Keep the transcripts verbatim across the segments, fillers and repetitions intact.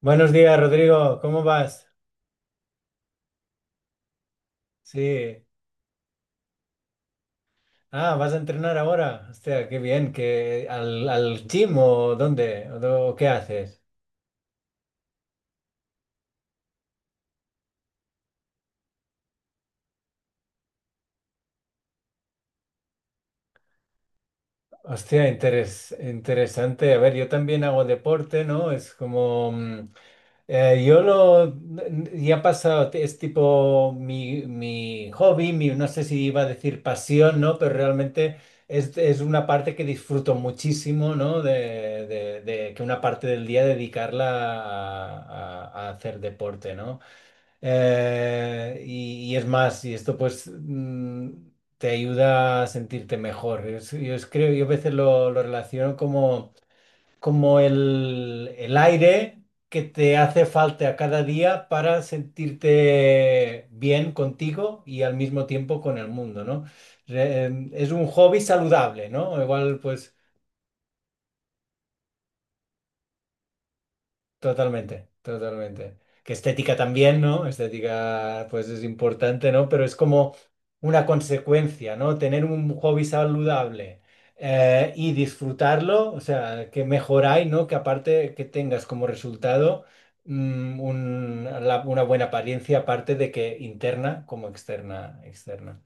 Buenos días, Rodrigo. ¿Cómo vas? Sí. Ah, ¿vas a entrenar ahora? Hostia, qué bien. Que al, al gym o dónde? ¿O do- qué haces? Hostia, interes- interesante. A ver, yo también hago deporte, ¿no? Es como... mm, Eh, yo lo, ya ha pasado, te- es tipo mi, mi hobby, mi, no sé si iba a decir pasión, ¿no? Pero realmente es, es una parte que disfruto muchísimo, ¿no? De, de- de que una parte del día dedicarla a, a- a hacer deporte, ¿no? Eh, y, y es más, y esto pues mm, te ayuda a sentirte mejor. Es- yo es- creo, yo a veces lo, lo relaciono como como el, el aire que te hace falta cada día para sentirte bien contigo y al mismo tiempo con el mundo, ¿no? Re- em, Es un hobby saludable, ¿no? Igual, pues totalmente, totalmente. Que estética también, ¿no? Estética, pues es importante, ¿no? Pero es como una consecuencia, ¿no? Tener un hobby saludable, eh, y disfrutarlo, o sea, que mejoráis, ¿no? Que aparte que tengas como resultado, mm, un- la- una buena apariencia, aparte de que interna como externa, externa.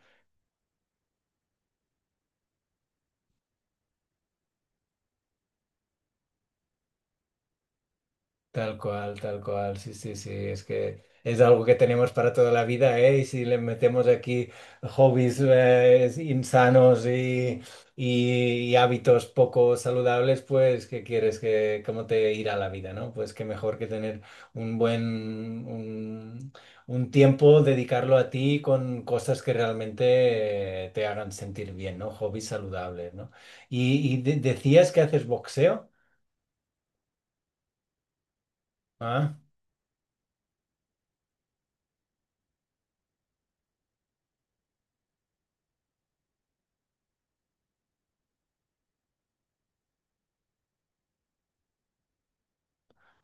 Tal cual, tal cual, sí, sí, sí, es que es algo que tenemos para toda la vida, ¿eh? Y si le metemos aquí hobbies eh, insanos y, y- y hábitos poco saludables, pues, ¿qué quieres? Que, ¿cómo te irá la vida, ¿no? Pues qué mejor que tener un buen, un, un tiempo, dedicarlo a ti con cosas que realmente eh, te hagan sentir bien, ¿no? Hobbies saludables, ¿no? Y, y de- decías que haces boxeo, ¿ah?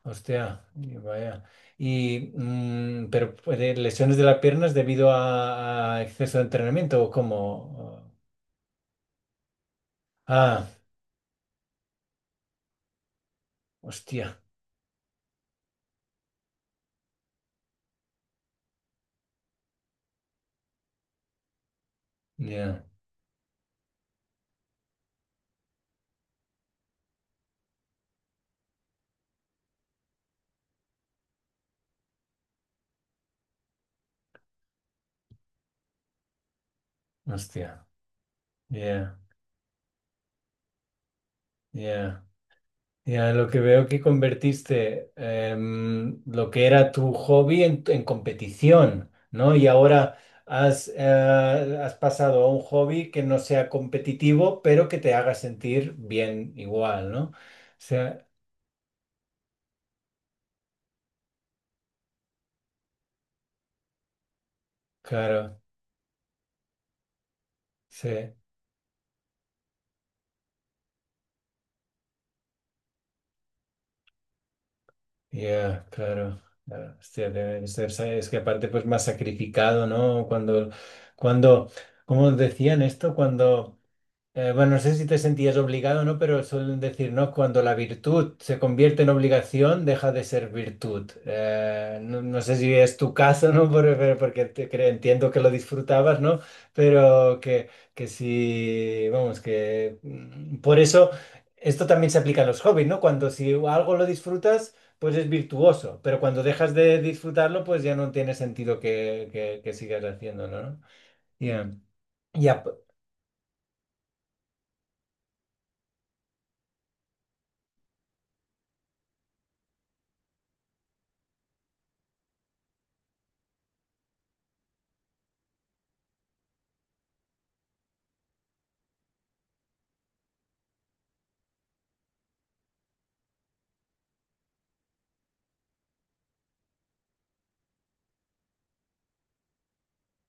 Hostia, y vaya. Y, mm, pero puede- lesiones de las piernas debido a, a exceso de entrenamiento o cómo? Ah, hostia, ya, hostia, ya, ya. Ya, lo que veo que convertiste em, lo que era tu hobby en, en competición, ¿no? Y ahora has, eh, has pasado a un hobby que no sea competitivo, pero que te haga sentir bien igual, ¿no? O sea, claro, sí. Ya, claro. Claro. Hostia, debe de ser, sa- es que aparte pues más sacrificado, ¿no? Cuando, cuando, ¿cómo decían esto? Cuando eh, bueno, no sé si te sentías obligado o no, pero suelen decir, ¿no? Cuando la virtud se convierte en obligación, deja de ser virtud. Eh, no, no sé si es tu caso, ¿no? Por- por- Porque, te cre- entiendo que lo disfrutabas, ¿no? Pero que, que sí, vamos, que mm, por eso esto también se aplica a los hobbies, ¿no? Cuando si algo lo disfrutas, pues es virtuoso, pero cuando dejas de disfrutarlo, pues ya no tiene sentido que, que, que sigas haciéndolo, ¿no? Ya, ya, p-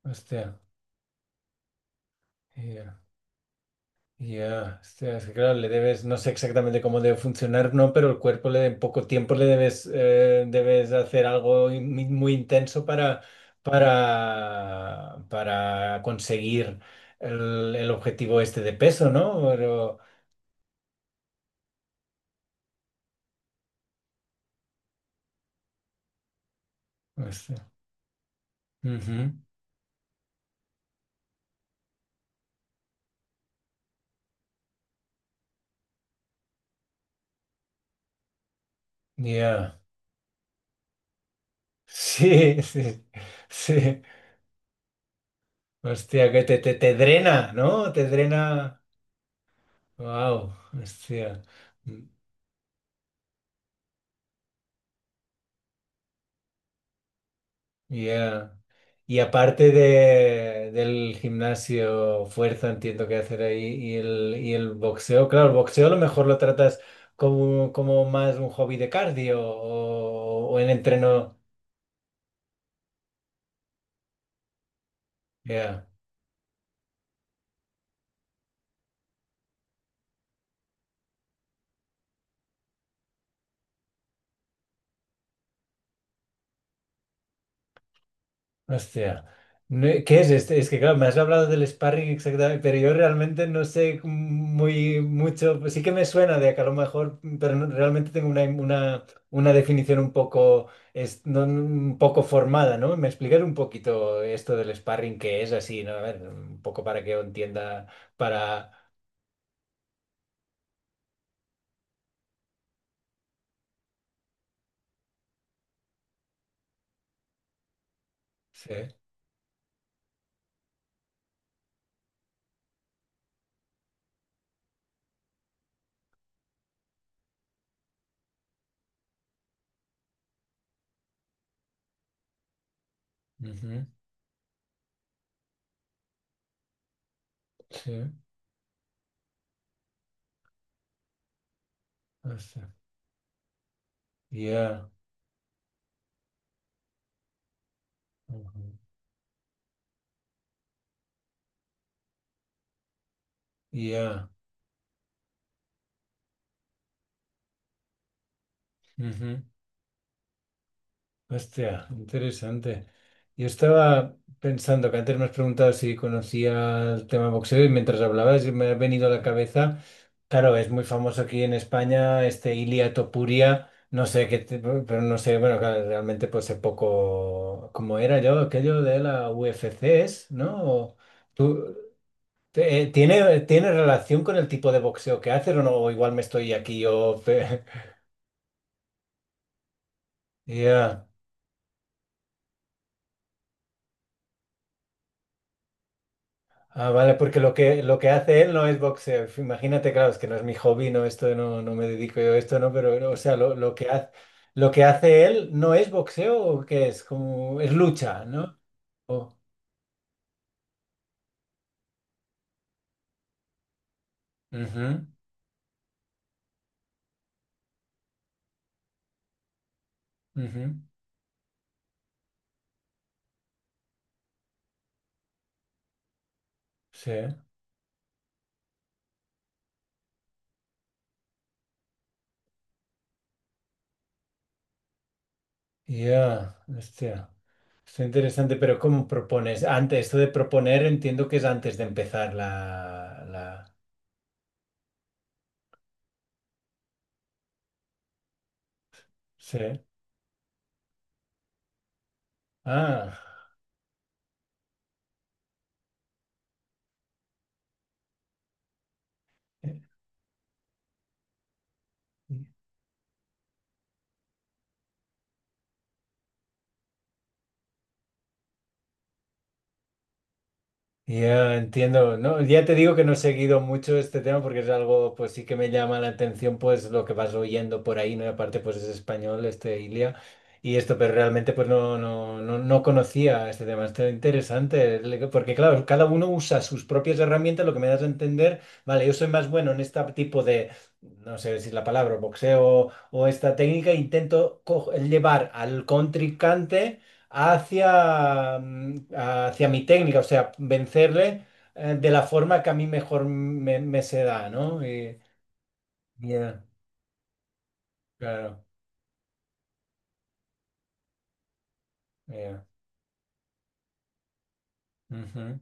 hostia. Ya. Ya, hostia, es que claro, le debes, no sé exactamente cómo debe funcionar, no, pero el cuerpo le en poco tiempo le debes, eh, debes hacer algo in- muy, intenso para, para, para conseguir el, el objetivo este de peso, ¿no? Pero, hostia, ujú, ya, Sí, sí, sí, hostia, que te, te, te drena, ¿no? Te drena, wow, hostia, ya. Y aparte de, del gimnasio, fuerza, entiendo que hacer ahí, y el, y el boxeo, claro, el boxeo a lo mejor lo tratas como, como más un hobby de cardio o, o en entreno. Ya. Hostia. No, ¿qué es este? Es que, claro, me has hablado del sparring exactamente, pero yo realmente no sé muy mucho. Pues sí que me suena de que a lo mejor, pero no- realmente tengo una, una, una definición un poco, es, no- no, un poco formada, ¿no? ¿Me explicas un poquito esto del sparring qué es así, ¿no? A ver, un poco para que yo entienda, para... Sí. Ujú, sí. Hostia. Ya. Ujú, ya. Ujú. Hostia, interesante. Yo estaba pensando que antes me has preguntado si conocía el tema boxeo y mientras hablabas me ha venido a la cabeza. Claro, es muy famoso aquí en España este Ilia Topuria, no sé qué, te- pero no sé, bueno, claro, realmente pues sé poco cómo era yo, aquello de la U F C, ¿es? ¿No? O ¿tú, te- eh, ¿tiene, tiene relación con el tipo de boxeo que haces o no? O igual me estoy aquí yo... Ya. Ah, vale, porque lo que, lo que hace él no es boxeo. Imagínate, claro, es que no es mi hobby, no, esto no, no me dedico yo a esto, no, pero, o sea, lo, lo que hace, lo que hace él no es boxeo o qué es, como, es lucha, ¿no? O ujú, ujú, sí, ya, hostia, está interesante, pero ¿cómo propones? Antes, esto de proponer entiendo que es antes de empezar la, la, sí, ah, eh, ya entiendo, ¿no? Ya te digo que no he seguido mucho este tema porque es algo, pues sí que me llama la atención, pues lo que vas oyendo por ahí, ¿no? Y aparte, pues es español, este Ilia, y esto, pero realmente, pues no, no, no, no conocía este tema, está interesante, le- porque claro, cada uno usa sus propias herramientas, lo que me das a entender, vale, yo soy más bueno en este tipo de, no sé decir la palabra, boxeo o esta técnica, intento co- llevar al contrincante hacia, mm, hacia mi técnica, o sea, vencerle eh, de la forma que a mí mejor me, me se da, ¿no? Y- yeah, claro, yeah, ujú,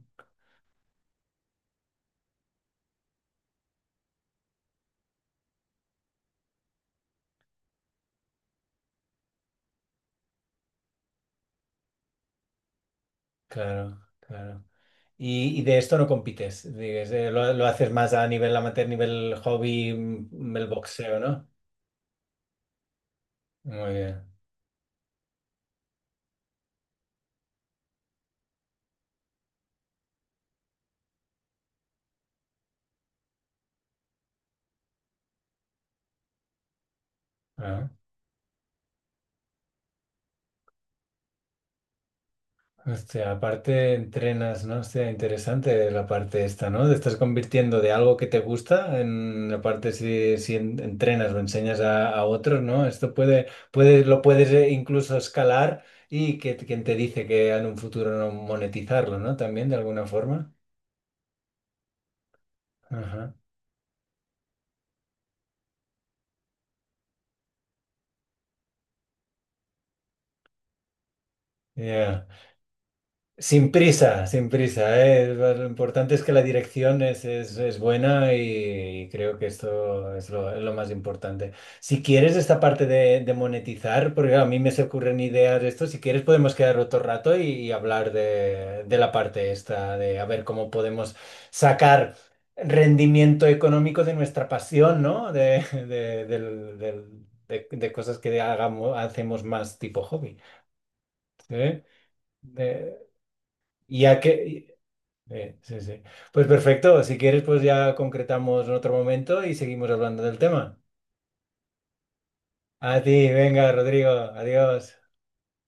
claro, claro. Y, y de esto no compites, digas, eh, lo, lo haces más a nivel amateur, nivel hobby, mm, el boxeo, ¿no? Muy bien. Ah. Hostia, aparte entrenas, ¿no? Hostia, interesante la parte esta, ¿no? Te estás convirtiendo de algo que te gusta en la parte si, si en- entrenas o enseñas a, a otros, ¿no? Esto puede, puede, lo puedes eh, incluso escalar y que quien te dice que en un futuro no monetizarlo, ¿no? También de alguna forma. Ajá. Ya. Sin prisa, sin prisa, ¿eh? Lo importante es que la dirección es, es- es buena y, creo que esto es lo, es lo más importante. Si quieres esta parte de, de monetizar, porque claro, a mí me se ocurren ideas de esto, si quieres podemos quedar otro rato y, y hablar de, de la parte esta, de a ver cómo podemos sacar rendimiento económico de nuestra pasión, ¿no? De, de, del- del- de- de cosas que hagamos, hacemos más tipo hobby. ¿Sí? De- ya que sí, sí, sí. Pues perfecto, si quieres, pues ya concretamos en otro momento y seguimos hablando del tema. A ti, venga, Rodrigo, adiós.